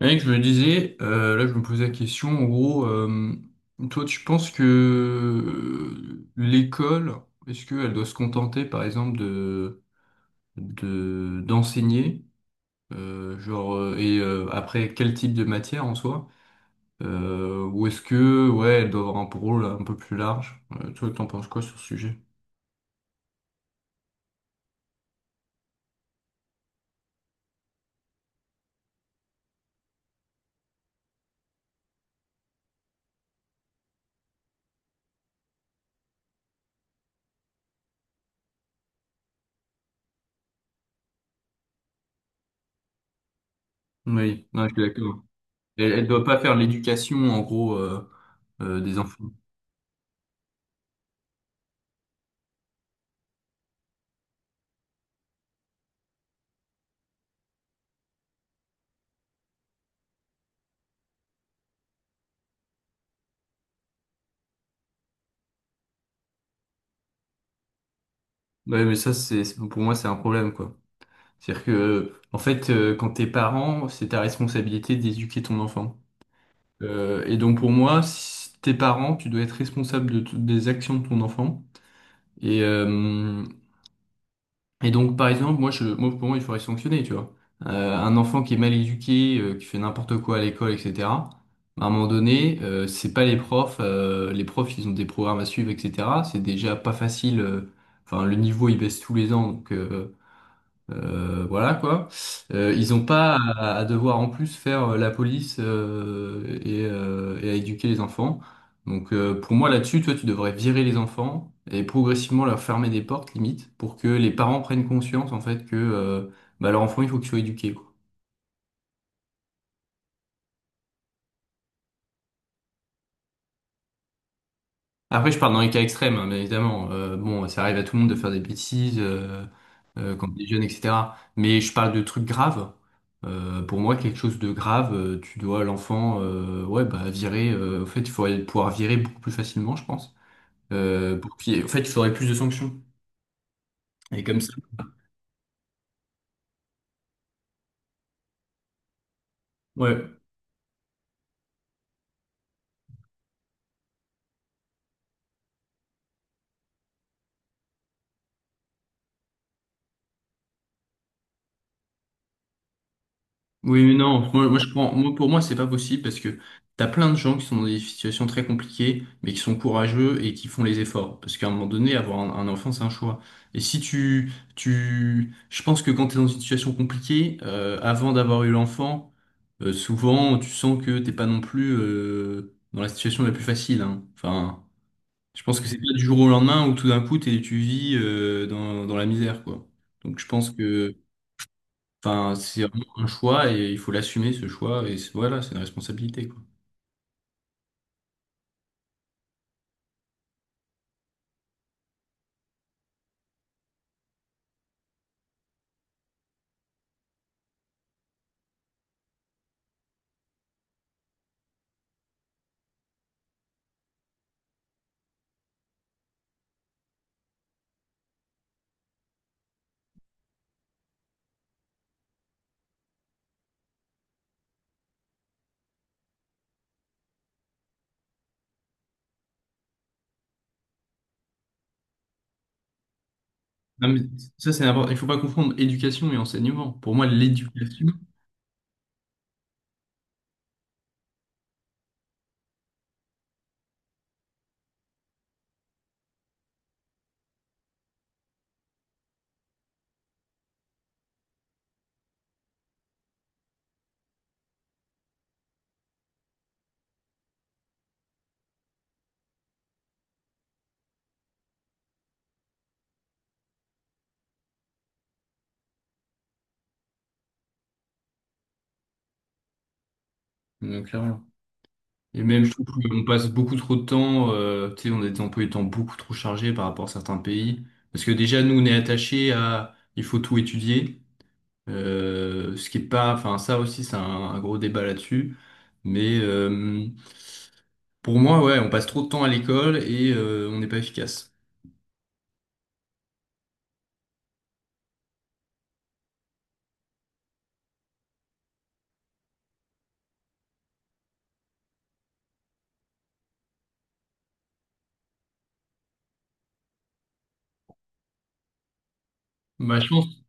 Mec, je me disais, là je me posais la question, en gros, toi tu penses que l'école, est-ce qu'elle doit se contenter par exemple d'enseigner, après quel type de matière en soi, ou est-ce que, ouais, elle doit avoir un rôle un peu plus large? Toi t'en penses quoi sur ce sujet? Oui, non, je suis d'accord. Elle doit pas faire l'éducation en gros des enfants. Ouais, mais pour moi c'est un problème quoi. C'est-à-dire que, en fait, quand t'es parent, c'est ta responsabilité d'éduquer ton enfant. Et donc pour moi, si t'es parent, tu dois être responsable de toutes des actions de ton enfant. Et, euh, et donc par exemple, moi, je, moi pour moi, il faudrait sanctionner, tu vois. Un enfant qui est mal éduqué, qui fait n'importe quoi à l'école, etc. À un moment donné, c'est pas les profs. Les profs, ils ont des programmes à suivre, etc. C'est déjà pas facile. Enfin, le niveau, il baisse tous les ans, donc. Voilà quoi. Ils n'ont pas à devoir en plus faire la police et à éduquer les enfants. Donc pour moi là-dessus, toi, tu devrais virer les enfants et progressivement leur fermer des portes limite pour que les parents prennent conscience en fait que bah, leur enfant il faut qu'il soit éduqué, quoi. Après, je parle dans les cas extrêmes, hein, bien évidemment. Bon, ça arrive à tout le monde de faire des bêtises quand on est jeune, etc. Mais je parle de trucs graves. Pour moi, quelque chose de grave, tu dois l'enfant, ouais, bah virer. En fait, il faudrait pouvoir virer beaucoup plus facilement, je pense. Pour qu'il y ait- En fait, il faudrait plus de sanctions. Et comme ça, ouais. Oui, mais non, moi, moi, je prends, moi, pour moi, c'est pas possible parce que t'as plein de gens qui sont dans des situations très compliquées, mais qui sont courageux et qui font les efforts. Parce qu'à un moment donné, avoir un enfant, c'est un choix. Et si tu, tu, je pense que quand t'es dans une situation compliquée, avant d'avoir eu l'enfant, souvent, tu sens que t'es pas non plus, dans la situation la plus facile, hein. Enfin, je pense que c'est pas du jour au lendemain où tout d'un coup, tu vis, dans la misère, quoi. Donc, enfin, c'est vraiment un choix et il faut l'assumer ce choix et voilà, c'est une responsabilité quoi. Non, mais ça c'est important. Il faut pas confondre éducation et enseignement. Pour moi, l'éducation, clairement. Et même je trouve qu'on passe beaucoup trop de temps, tu sais, on a des emplois du temps beaucoup trop chargés par rapport à certains pays. Parce que déjà nous on est attachés il faut tout étudier, ce qui est pas, enfin ça aussi c'est un gros débat là-dessus. Mais euh, pour moi, ouais, on passe trop de temps à l'école et on n'est pas efficace. Bah, je pense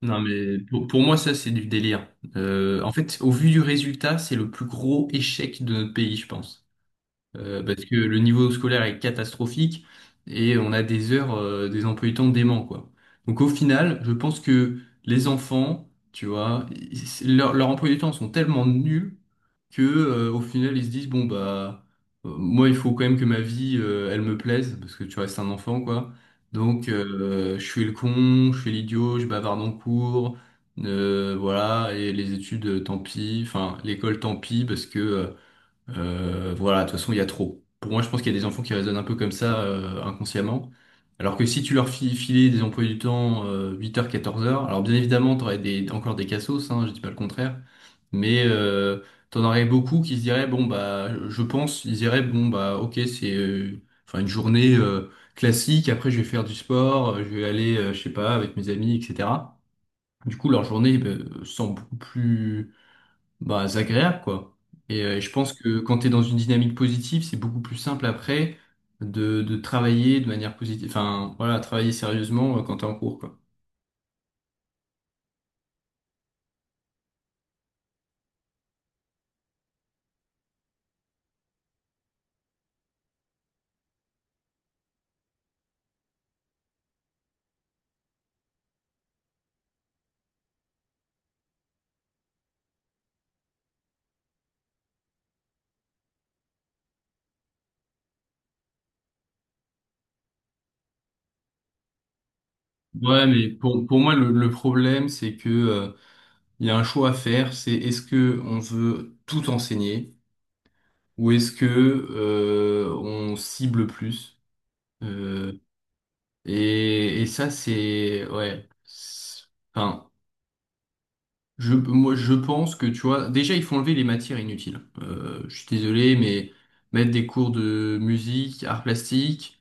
non, mais pour moi, ça, c'est du délire. En fait, au vu du résultat, c'est le plus gros échec de notre pays, je pense. Parce que le niveau scolaire est catastrophique et on a des heures, des emplois du temps déments, quoi. Donc au final, je pense que les enfants, tu vois, leurs emplois du temps sont tellement nuls que au final ils se disent bon bah moi il faut quand même que ma vie elle me plaise parce que tu restes un enfant quoi. Donc je suis le con, je fais l'idiot, je bavarde en cours, voilà et les études tant pis, enfin l'école tant pis parce que voilà, de toute façon, il y a trop. Pour moi, je pense qu'il y a des enfants qui raisonnent un peu comme ça, inconsciemment. Alors que si tu leur filais des emplois du temps, 8 heures 14 heures alors bien évidemment, tu aurais encore des cassos, hein, je dis pas le contraire. Mais euh, T'en aurais beaucoup qui se diraient, bon, bah, je pense, ils diraient, bon, bah, ok, c'est enfin, une journée classique, après, je vais faire du sport, je sais pas, avec mes amis, etc. Du coup, leur journée semble beaucoup plus bah, c'est agréable, quoi. Et je pense que quand tu es dans une dynamique positive, c'est beaucoup plus simple après de travailler de manière positive. Enfin, voilà, travailler sérieusement quand tu es en cours, quoi. Ouais, mais pour moi, le problème, c'est que, il y a un choix à faire, c'est est-ce que on veut tout enseigner ou est-ce que, on cible plus? Euh, et ça, c'est, ouais. Enfin, Moi, je pense que, tu vois, déjà, il faut enlever les matières inutiles. Je suis désolé, mais mettre des cours de musique, art plastique,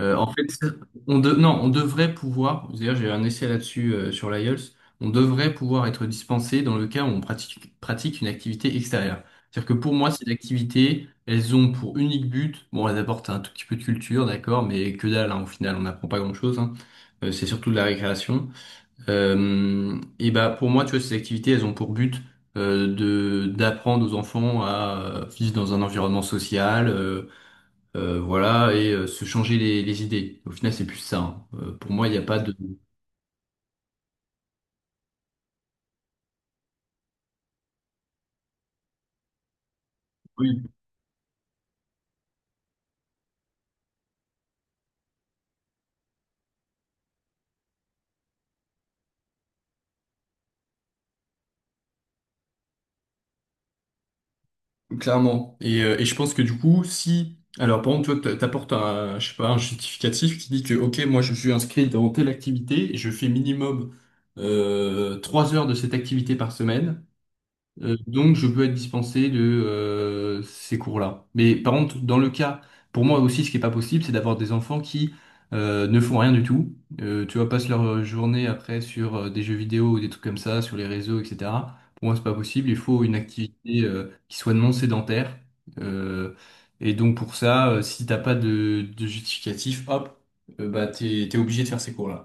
en fait, non, on devrait pouvoir, d'ailleurs, j'ai un essai là-dessus sur l'IELTS, on devrait pouvoir être dispensé dans le cas où on pratique une activité extérieure. C'est-à-dire que pour moi, ces activités, elles ont pour unique but, bon, elles apportent un tout petit peu de culture, d'accord, mais que dalle, hein, au final, on n'apprend pas grand-chose, hein. C'est surtout de la récréation. Et bah pour moi, tu vois, ces activités, elles ont pour but de d'apprendre aux enfants à vivre dans un environnement social, voilà, et se changer les idées. Au final, c'est plus ça, hein. Pour moi, il n'y a pas de. Oui, clairement. Et je pense que du coup, si alors par exemple, toi, t'apportes un, je sais pas, un justificatif qui dit que ok, moi, je suis inscrit dans telle activité et je fais minimum 3 heures de cette activité par semaine. Donc, je peux être dispensé de ces cours-là. Mais par contre, pour moi aussi, ce qui est pas possible, c'est d'avoir des enfants qui ne font rien du tout. Tu vois, passent leur journée après sur des jeux vidéo ou des trucs comme ça, sur les réseaux, etc. Pour moi, c'est pas possible. Il faut une activité qui soit non sédentaire. Euh, et donc, pour ça, si t'as pas de justificatif, hop, bah, t'es obligé de faire ces cours-là.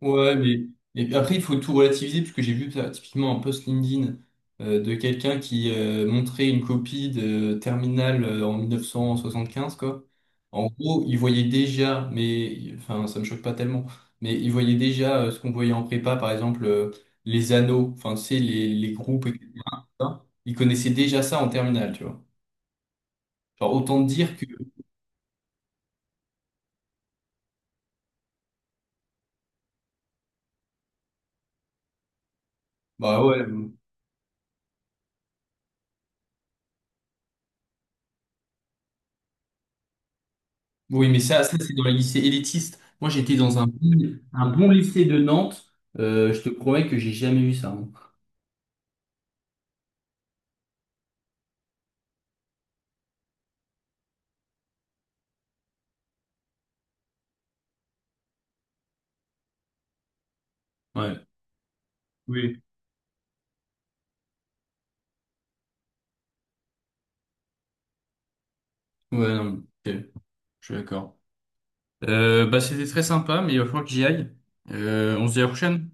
Ouais, mais et puis après, il faut tout relativiser, puisque j'ai vu ça, typiquement un post LinkedIn de quelqu'un qui montrait une copie de Terminal en 1975, quoi. En gros, il voyait déjà, mais enfin, ça me choque pas tellement, mais il voyait déjà ce qu'on voyait en prépa, par exemple, les anneaux, enfin, tu sais, les groupes, etc. Il connaissait déjà ça en Terminal, tu vois. Genre, autant te dire que, bah ouais. Oui, mais ça c'est dans les lycées élitistes. Moi, j'étais dans un bon lycée de Nantes. Je te promets que j'ai jamais vu ça, hein. Ouais. Oui. Ouais, non, ok, je suis d'accord. Bah, c'était très sympa, mais il va falloir que j'y aille. On se dit à la prochaine.